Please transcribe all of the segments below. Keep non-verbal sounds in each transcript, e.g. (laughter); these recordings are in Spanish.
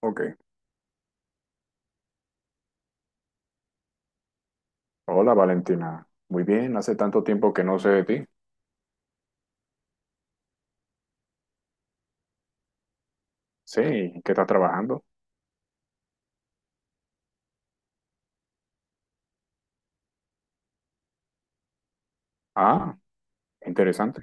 Ok. Hola Valentina. Muy bien, hace tanto tiempo que no sé de ti. Sí, ¿qué estás trabajando? Ah, interesante.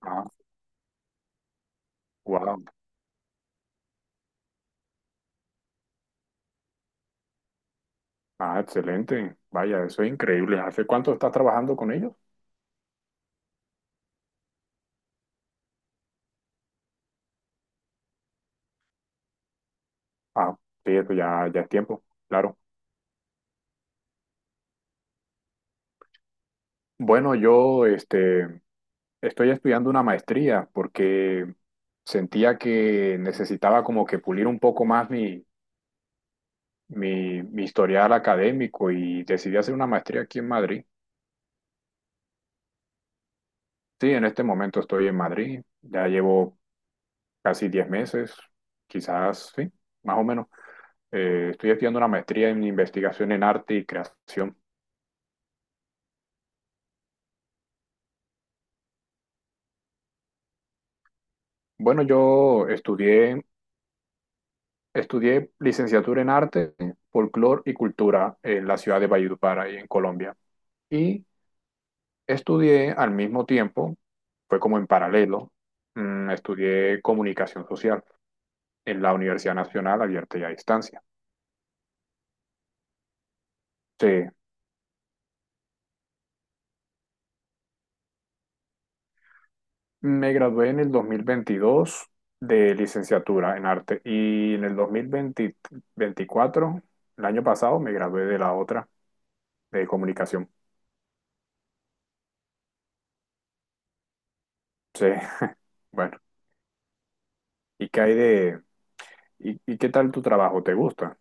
Ah, wow. Ah, excelente. Vaya, eso es increíble. ¿Hace cuánto estás trabajando con ellos? Ah, sí, eso ya, ya es tiempo, claro. Bueno, yo estoy estudiando una maestría porque sentía que necesitaba como que pulir un poco más mi, mi historial académico y decidí hacer una maestría aquí en Madrid. Sí, en este momento estoy en Madrid, ya llevo casi 10 meses, quizás, sí, más o menos. Estoy estudiando una maestría en investigación en arte y creación. Bueno, yo estudié, estudié licenciatura en arte, folclore y cultura en la ciudad de Valledupar, ahí en Colombia. Y estudié al mismo tiempo, fue como en paralelo, estudié comunicación social en la Universidad Nacional Abierta y a Distancia. Sí. Me gradué en el 2022 de licenciatura en arte y en el 2024, el año pasado, me gradué de la otra, de comunicación. Sí, (laughs) bueno. ¿Y qué hay de... ¿Y, y qué tal tu trabajo? ¿Te gusta?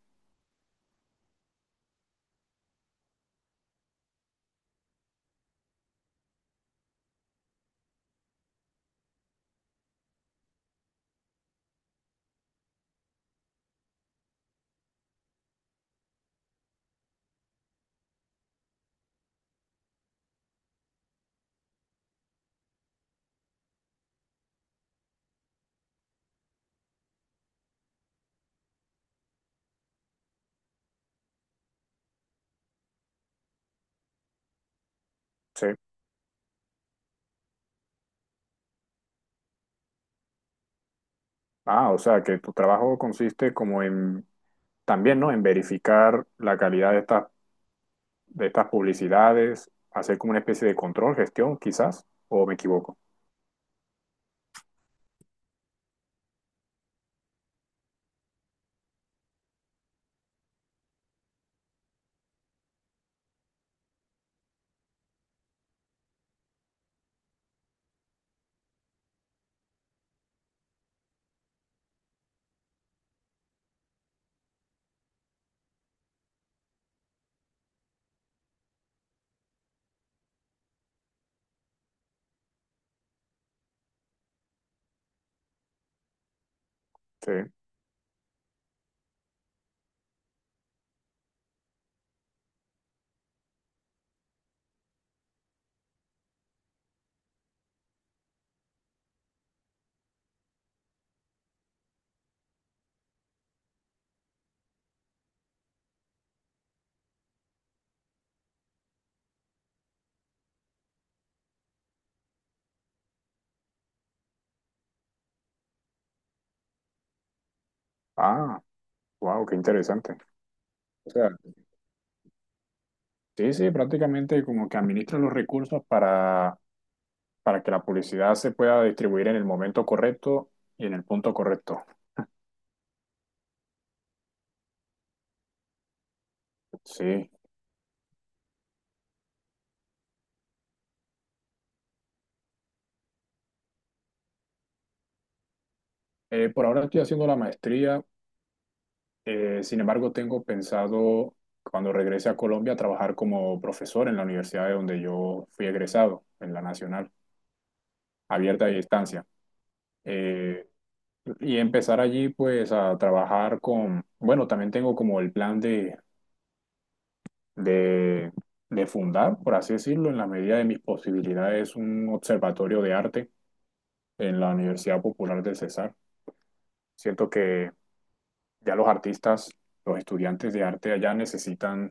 Sí. Ah, o sea, que tu trabajo consiste como en... También, ¿no? En verificar la calidad de estas publicidades, hacer como una especie de control, gestión, quizás, o me equivoco. Sí. Ah, wow, qué interesante. O sea. Sí, sí, prácticamente como que administra los recursos para que la publicidad se pueda distribuir en el momento correcto y en el punto correcto. Sí. Por ahora estoy haciendo la maestría, sin embargo tengo pensado cuando regrese a Colombia trabajar como profesor en la universidad de donde yo fui egresado, en la Nacional, abierta y a distancia. Eh, y empezar allí pues a trabajar con, bueno, también tengo como el plan de de, de fundar, por así decirlo, en la medida de mis posibilidades, un observatorio de arte en la Universidad Popular del Cesar. Siento que ya los artistas, los estudiantes de arte allá necesitan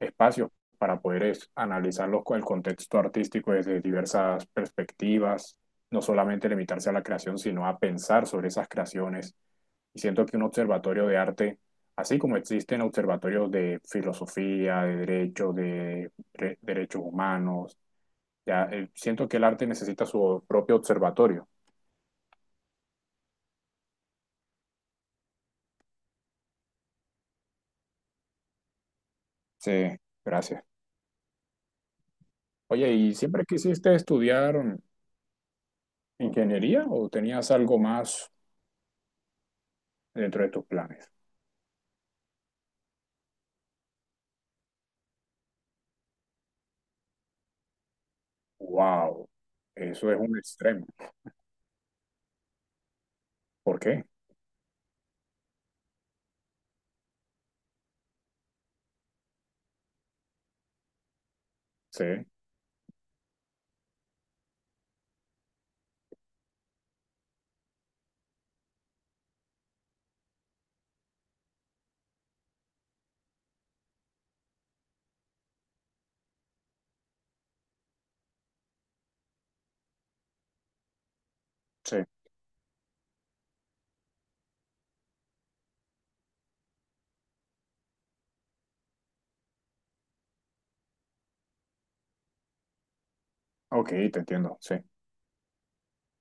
espacios para poder analizar el contexto artístico desde diversas perspectivas, no solamente limitarse a la creación, sino a pensar sobre esas creaciones, y siento que un observatorio de arte, así como existen observatorios de filosofía, de derecho, de derechos humanos, ya, siento que el arte necesita su propio observatorio. Sí, gracias. Oye, ¿y siempre quisiste estudiar ingeniería o tenías algo más dentro de tus planes? Wow, eso es un extremo. ¿Por qué? Sí, sí. Ok, te entiendo, sí.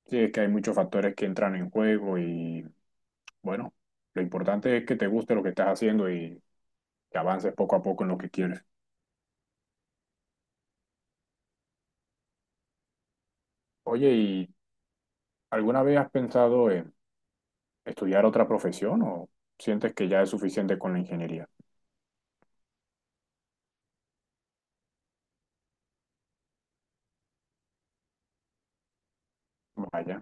Sí, es que hay muchos factores que entran en juego y bueno, lo importante es que te guste lo que estás haciendo y que avances poco a poco en lo que quieres. Oye, ¿y alguna vez has pensado en estudiar otra profesión o sientes que ya es suficiente con la ingeniería? Vaya.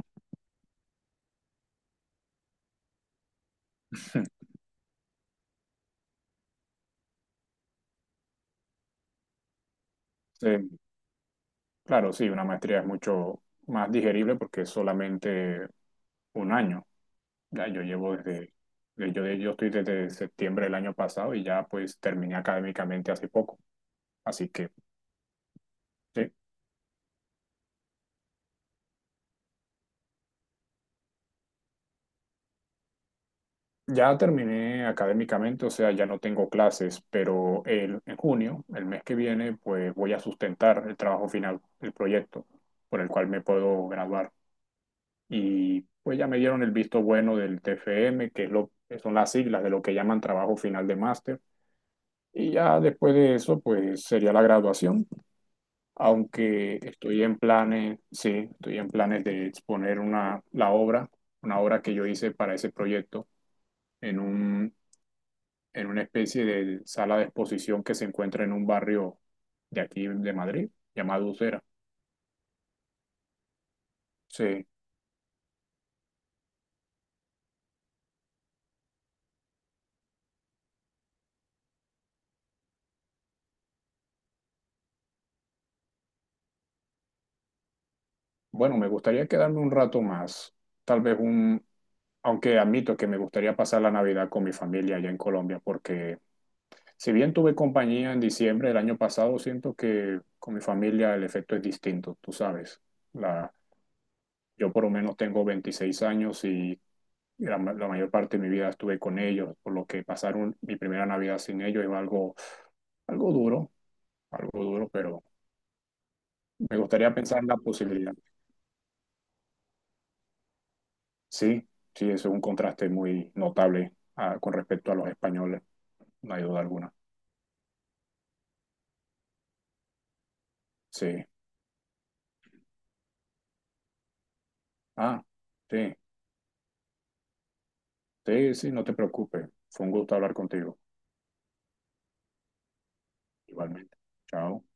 (laughs) Eh, claro, sí, una maestría es mucho más digerible porque es solamente un año. Ya yo llevo desde, yo estoy desde septiembre del año pasado y ya pues terminé académicamente hace poco. Así que sí. Ya terminé académicamente, o sea, ya no tengo clases, pero el, en junio, el mes que viene, pues voy a sustentar el trabajo final, el proyecto por el cual me puedo graduar. Y pues ya me dieron el visto bueno del TFM, que es lo, que son las siglas de lo que llaman trabajo final de máster. Y ya después de eso, pues sería la graduación, aunque estoy en planes, sí, estoy en planes de exponer una, la obra, una obra que yo hice para ese proyecto en un en una especie de sala de exposición que se encuentra en un barrio de aquí de Madrid, llamado Ucera. Sí, bueno, me gustaría quedarme un rato más, tal vez un, aunque admito que me gustaría pasar la Navidad con mi familia allá en Colombia, porque si bien tuve compañía en diciembre del año pasado, siento que con mi familia el efecto es distinto, tú sabes. La, yo por lo menos tengo 26 años y la, la mayor parte de mi vida estuve con ellos, por lo que pasar mi primera Navidad sin ellos es algo, algo duro, algo duro, pero me gustaría pensar en la posibilidad. Sí, sí, eso es un contraste muy notable con respecto a los españoles, no hay duda alguna. Sí, ah, sí, sí, sí, no te preocupes. Fue un gusto hablar contigo, igualmente. Chao.